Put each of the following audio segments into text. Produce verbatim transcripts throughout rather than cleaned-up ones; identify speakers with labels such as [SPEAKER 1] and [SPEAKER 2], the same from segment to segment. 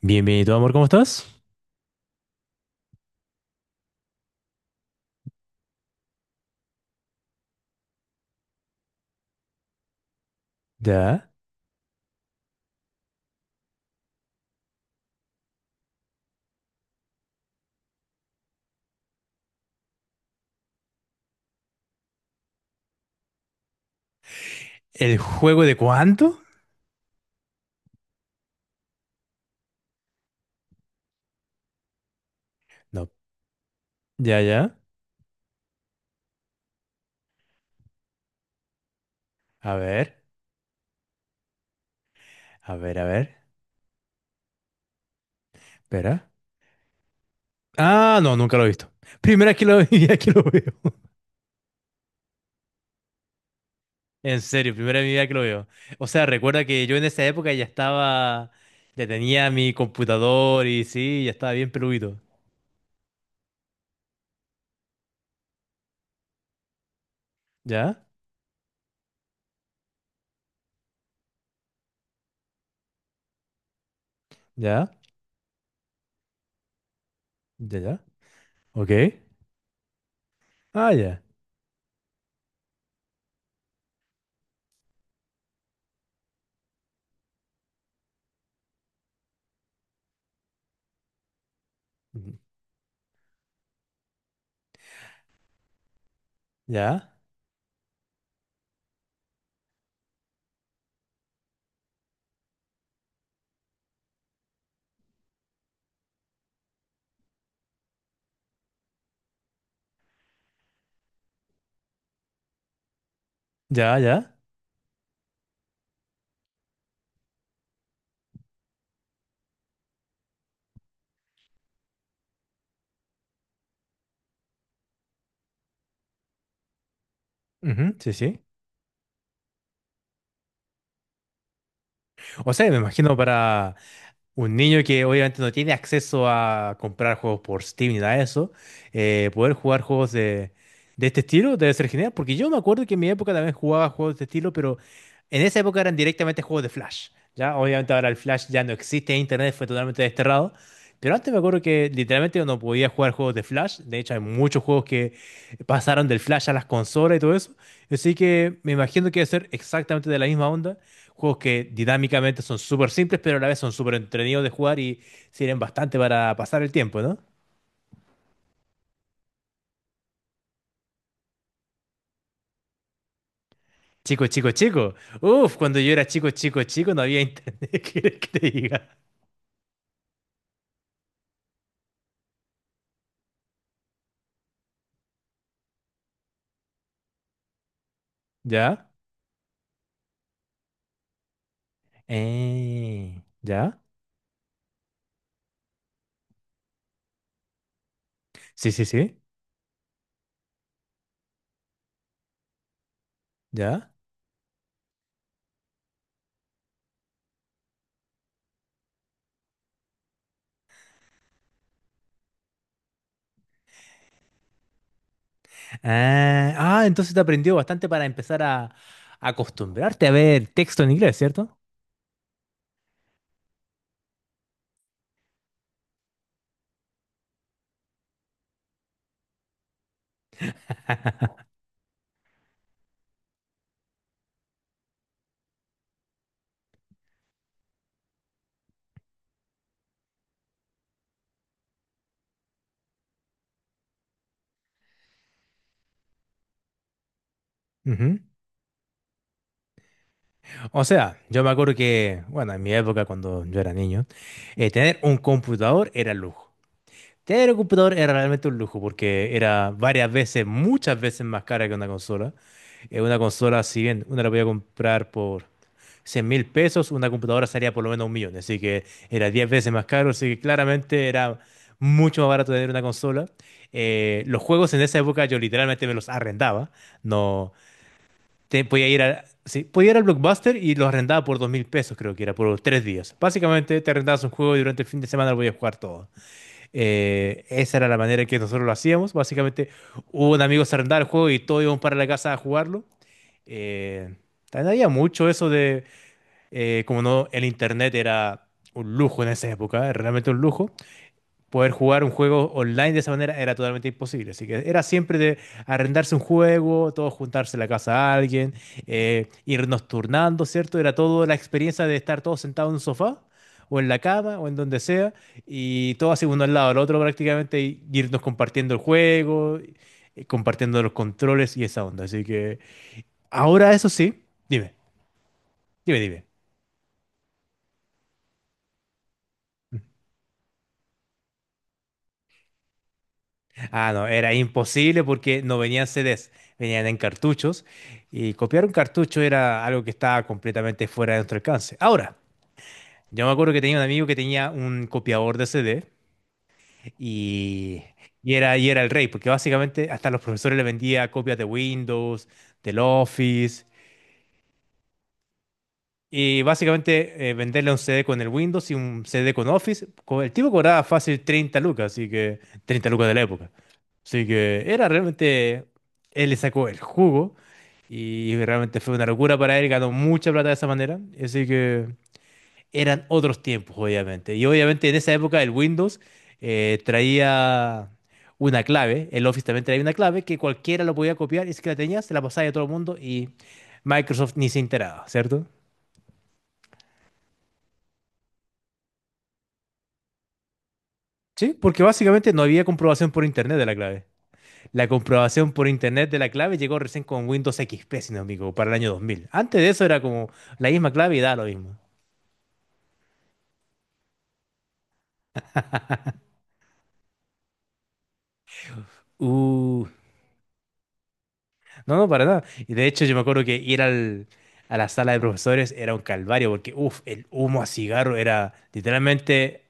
[SPEAKER 1] Bienvenido, amor, ¿cómo estás? Ya. ¿El juego de cuánto? No. Ya, ya. A ver, a ver, a ver. Espera. Ah, no, nunca lo he visto. Primera que lo, vida que lo veo. En serio, primera vez en mi vida que lo veo. O sea, recuerda que yo en esa época ya estaba, ya tenía mi computador y sí, ya estaba bien peludito. Ya, ya, ya, ya. Ok. Ah, ya. Ujú. Ya, ya, ya. Ujú, sí, sí. O sea, me imagino, para un niño que obviamente no tiene acceso a comprar juegos por Steam ni nada de eso, eh, poder jugar juegos de, de este estilo debe ser genial, porque yo me acuerdo que en mi época también jugaba juegos de este estilo, pero en esa época eran directamente juegos de Flash, ¿ya? Obviamente ahora el Flash ya no existe, Internet fue totalmente desterrado, pero antes me acuerdo que literalmente uno podía jugar juegos de Flash. De hecho, hay muchos juegos que pasaron del Flash a las consolas y todo eso, así que me imagino que debe ser exactamente de la misma onda, juegos que dinámicamente son súper simples, pero a la vez son súper entretenidos de jugar y sirven bastante para pasar el tiempo, ¿no? Chico, chico, chico. Uf, cuando yo era chico, chico, chico, no había internet. ¿Qué quieres que te diga? ¿Ya? Eh, ¿ya? Sí, sí, sí. ¿Ya? Ah, ah, entonces te aprendió bastante para empezar a a acostumbrarte a ver texto en inglés, ¿cierto? Ujú. O sea, yo me acuerdo que, bueno, en mi época cuando yo era niño, eh, tener un computador era lujo. Tener un computador era realmente un lujo porque era varias veces, muchas veces más cara que una consola. Eh, una consola, si bien una la podía comprar por cien mil pesos, una computadora salía por lo menos un millón. Así que era diez veces más caro. Así que claramente era mucho más barato tener una consola. Eh, los juegos en esa época yo literalmente me los arrendaba. No, te- podía ir a, sí, podía ir al Blockbuster y los arrendaba por dos mil pesos, creo que era, por tres días. Básicamente te arrendabas un juego y durante el fin de semana lo podías jugar todo. Eh, esa era la manera en que nosotros lo hacíamos. Básicamente, un amigo se arrendaba el juego y todos íbamos para la casa a jugarlo. Eh, también había mucho eso de, eh, como no, el internet era un lujo en esa época, eh, realmente un lujo, poder jugar un juego online de esa manera era totalmente imposible. Así que era siempre de arrendarse un juego, todos juntarse en la casa a alguien, eh, irnos turnando, ¿cierto? Era toda la experiencia de estar todos sentados en un sofá o en la cama o en donde sea y todos así uno al lado del otro prácticamente y irnos compartiendo el juego, eh, compartiendo los controles y esa onda. Así que ahora, eso sí, dime, dime, dime. Ah, no, era imposible porque no venían C Ds, venían en cartuchos y copiar un cartucho era algo que estaba completamente fuera de nuestro alcance. Ahora, yo me acuerdo que tenía un amigo que tenía un copiador de C D, y, y era, y era el rey, porque básicamente hasta los profesores le vendía copias de Windows, del Office. Y básicamente, eh, venderle un C D con el Windows y un C D con Office. co- El tipo cobraba fácil treinta lucas, así que treinta lucas de la época. Así que era realmente, él le sacó el jugo y realmente fue una locura para él, ganó mucha plata de esa manera. Así que eran otros tiempos, obviamente. Y obviamente en esa época el Windows eh, traía una clave, el Office también traía una clave que cualquiera lo podía copiar, y si que la tenías, se la pasaba a todo el mundo y Microsoft ni se enteraba, ¿cierto? Sí, porque básicamente no había comprobación por internet de la clave. La comprobación por internet de la clave llegó recién con Windows X P, si no me equivoco, para el año dos mil. Antes de eso era como la misma clave y da lo mismo. Uh, no, no, para nada. Y de hecho yo me acuerdo que ir al, a la sala de profesores era un calvario, porque uff, el humo a cigarro era literalmente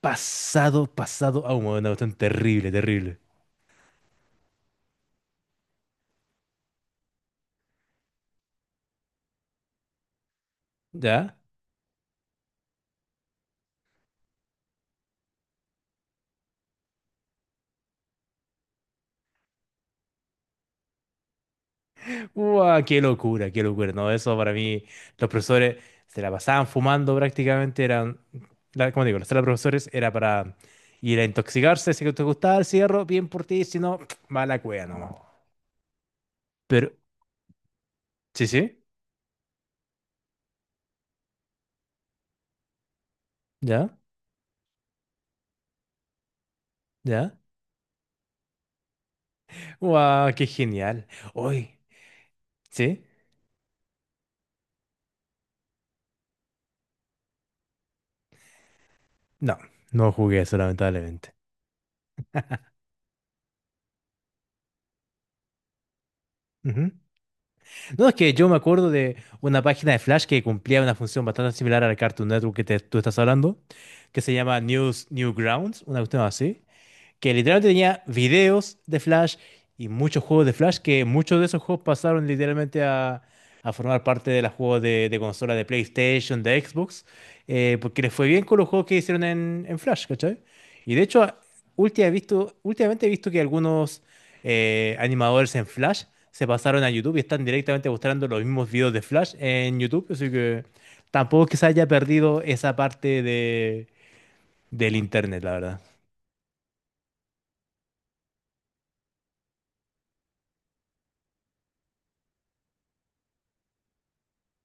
[SPEAKER 1] pasado, pasado a humo. Era una cuestión terrible, terrible. ¿Ya? ¡Uah, qué locura, qué locura! No, eso para mí, los profesores se la pasaban fumando prácticamente, eran, la- como digo, la sala de profesores era para ir a intoxicarse. Si te gustaba el cigarro, bien por ti; si no, mala cueva nomás. Pero, sí, sí, ya, ya. ¡Uah, qué genial! Hoy, ¿sí? No, no jugué eso, lamentablemente. No, es que yo me acuerdo de una página de Flash que cumplía una función bastante similar a la Cartoon Network que te- tú estás hablando, que se llama News Newgrounds, una cuestión así que literalmente tenía videos de Flash y muchos juegos de Flash, que muchos de esos juegos pasaron literalmente a, a formar parte de los juegos de, de consola de PlayStation, de Xbox, eh, porque les fue bien con los juegos que hicieron en, en Flash, ¿cachai? Y de hecho, a- última he visto, últimamente he visto que algunos eh, animadores en Flash se pasaron a YouTube y están directamente mostrando los mismos videos de Flash en YouTube, así que tampoco es que se haya perdido esa parte de, del internet, la verdad.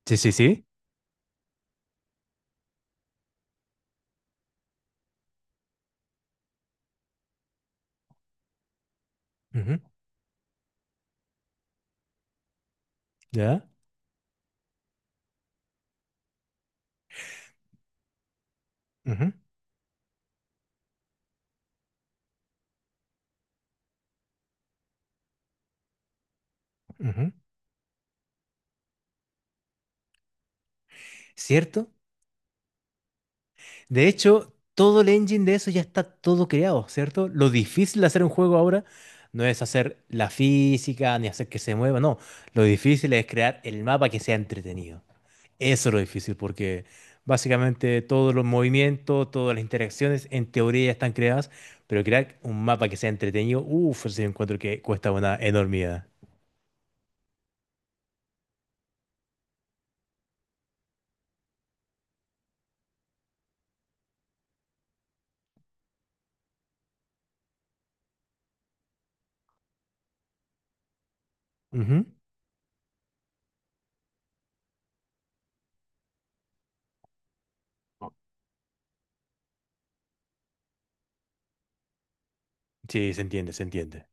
[SPEAKER 1] Sí, sí, sí. ¿Ya? Ujú, ujú. ¿Cierto? De hecho, todo el engine de eso ya está todo creado, ¿cierto? Lo difícil de hacer un juego ahora no es hacer la física ni hacer que se mueva, no. Lo difícil es crear el mapa que sea entretenido. Eso es lo difícil porque básicamente todos los movimientos, todas las interacciones en teoría ya están creadas, pero crear un mapa que sea entretenido, uff, ese encuentro que cuesta una enormidad. Ujú. Sí, se entiende, se entiende.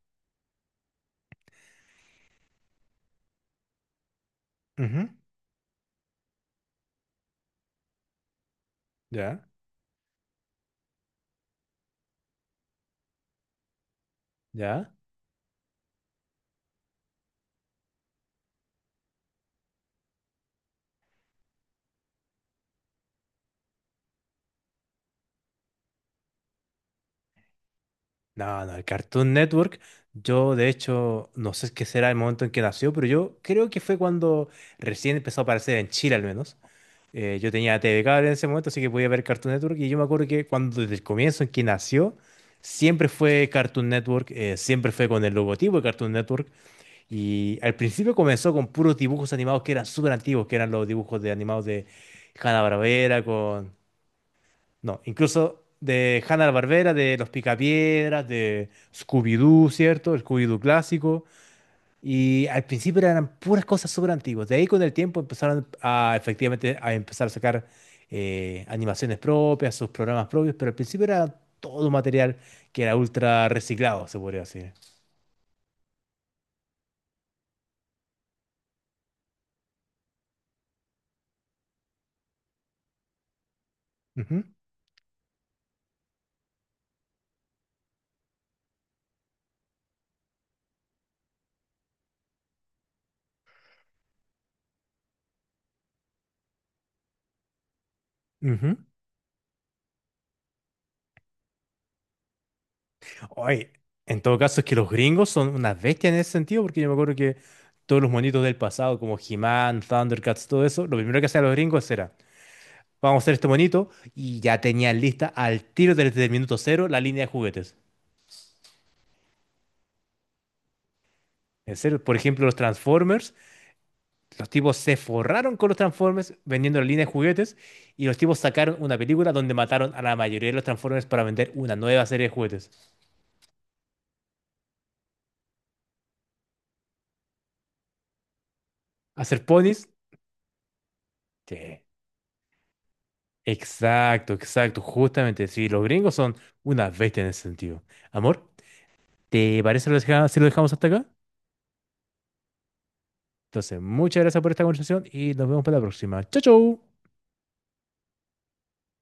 [SPEAKER 1] Ujú. ¿Ya? ¿Ya? No, no, el Cartoon Network, yo de hecho no sé qué será el momento en que nació, pero yo creo que fue cuando recién empezó a aparecer en Chile al menos. Eh, yo tenía T V Cable en ese momento, así que podía ver Cartoon Network, y yo me acuerdo que cuando desde el comienzo en que nació, siempre fue Cartoon Network, eh, siempre fue con el logotipo de Cartoon Network, y al principio comenzó con puros dibujos animados que eran súper antiguos, que eran los dibujos de animados de Hanna-Barbera. No, incluso de Hanna-Barbera, de Los Picapiedras, de Scooby-Doo, ¿cierto? El Scooby-Doo clásico. Y al principio eran puras cosas súper antiguas. De ahí con el tiempo empezaron a, efectivamente, a empezar a sacar eh, animaciones propias, sus programas propios, pero al principio era todo material que era ultra reciclado, se podría decir. Ujú, ujú. Oye, en todo caso es que los gringos son unas bestias en ese sentido, porque yo me acuerdo que todos los monitos del pasado, como He-Man, Thundercats, todo eso, lo primero que hacían los gringos era: "Vamos a hacer esto bonito". Y ya tenían lista al tiro desde el minuto cero la línea de juguetes. En serio, por ejemplo, los Transformers, los tipos se forraron con los Transformers vendiendo la línea de juguetes, y los tipos sacaron una película donde mataron a la mayoría de los Transformers para vender una nueva serie de juguetes. ¿Hacer ponis? Sí. Exacto, exacto, justamente. Sí, los gringos son una bestia en ese sentido. Amor, ¿te parece si lo deja- si lo dejamos hasta acá? Entonces, muchas gracias por esta conversación y nos vemos para la próxima. Chau, chau.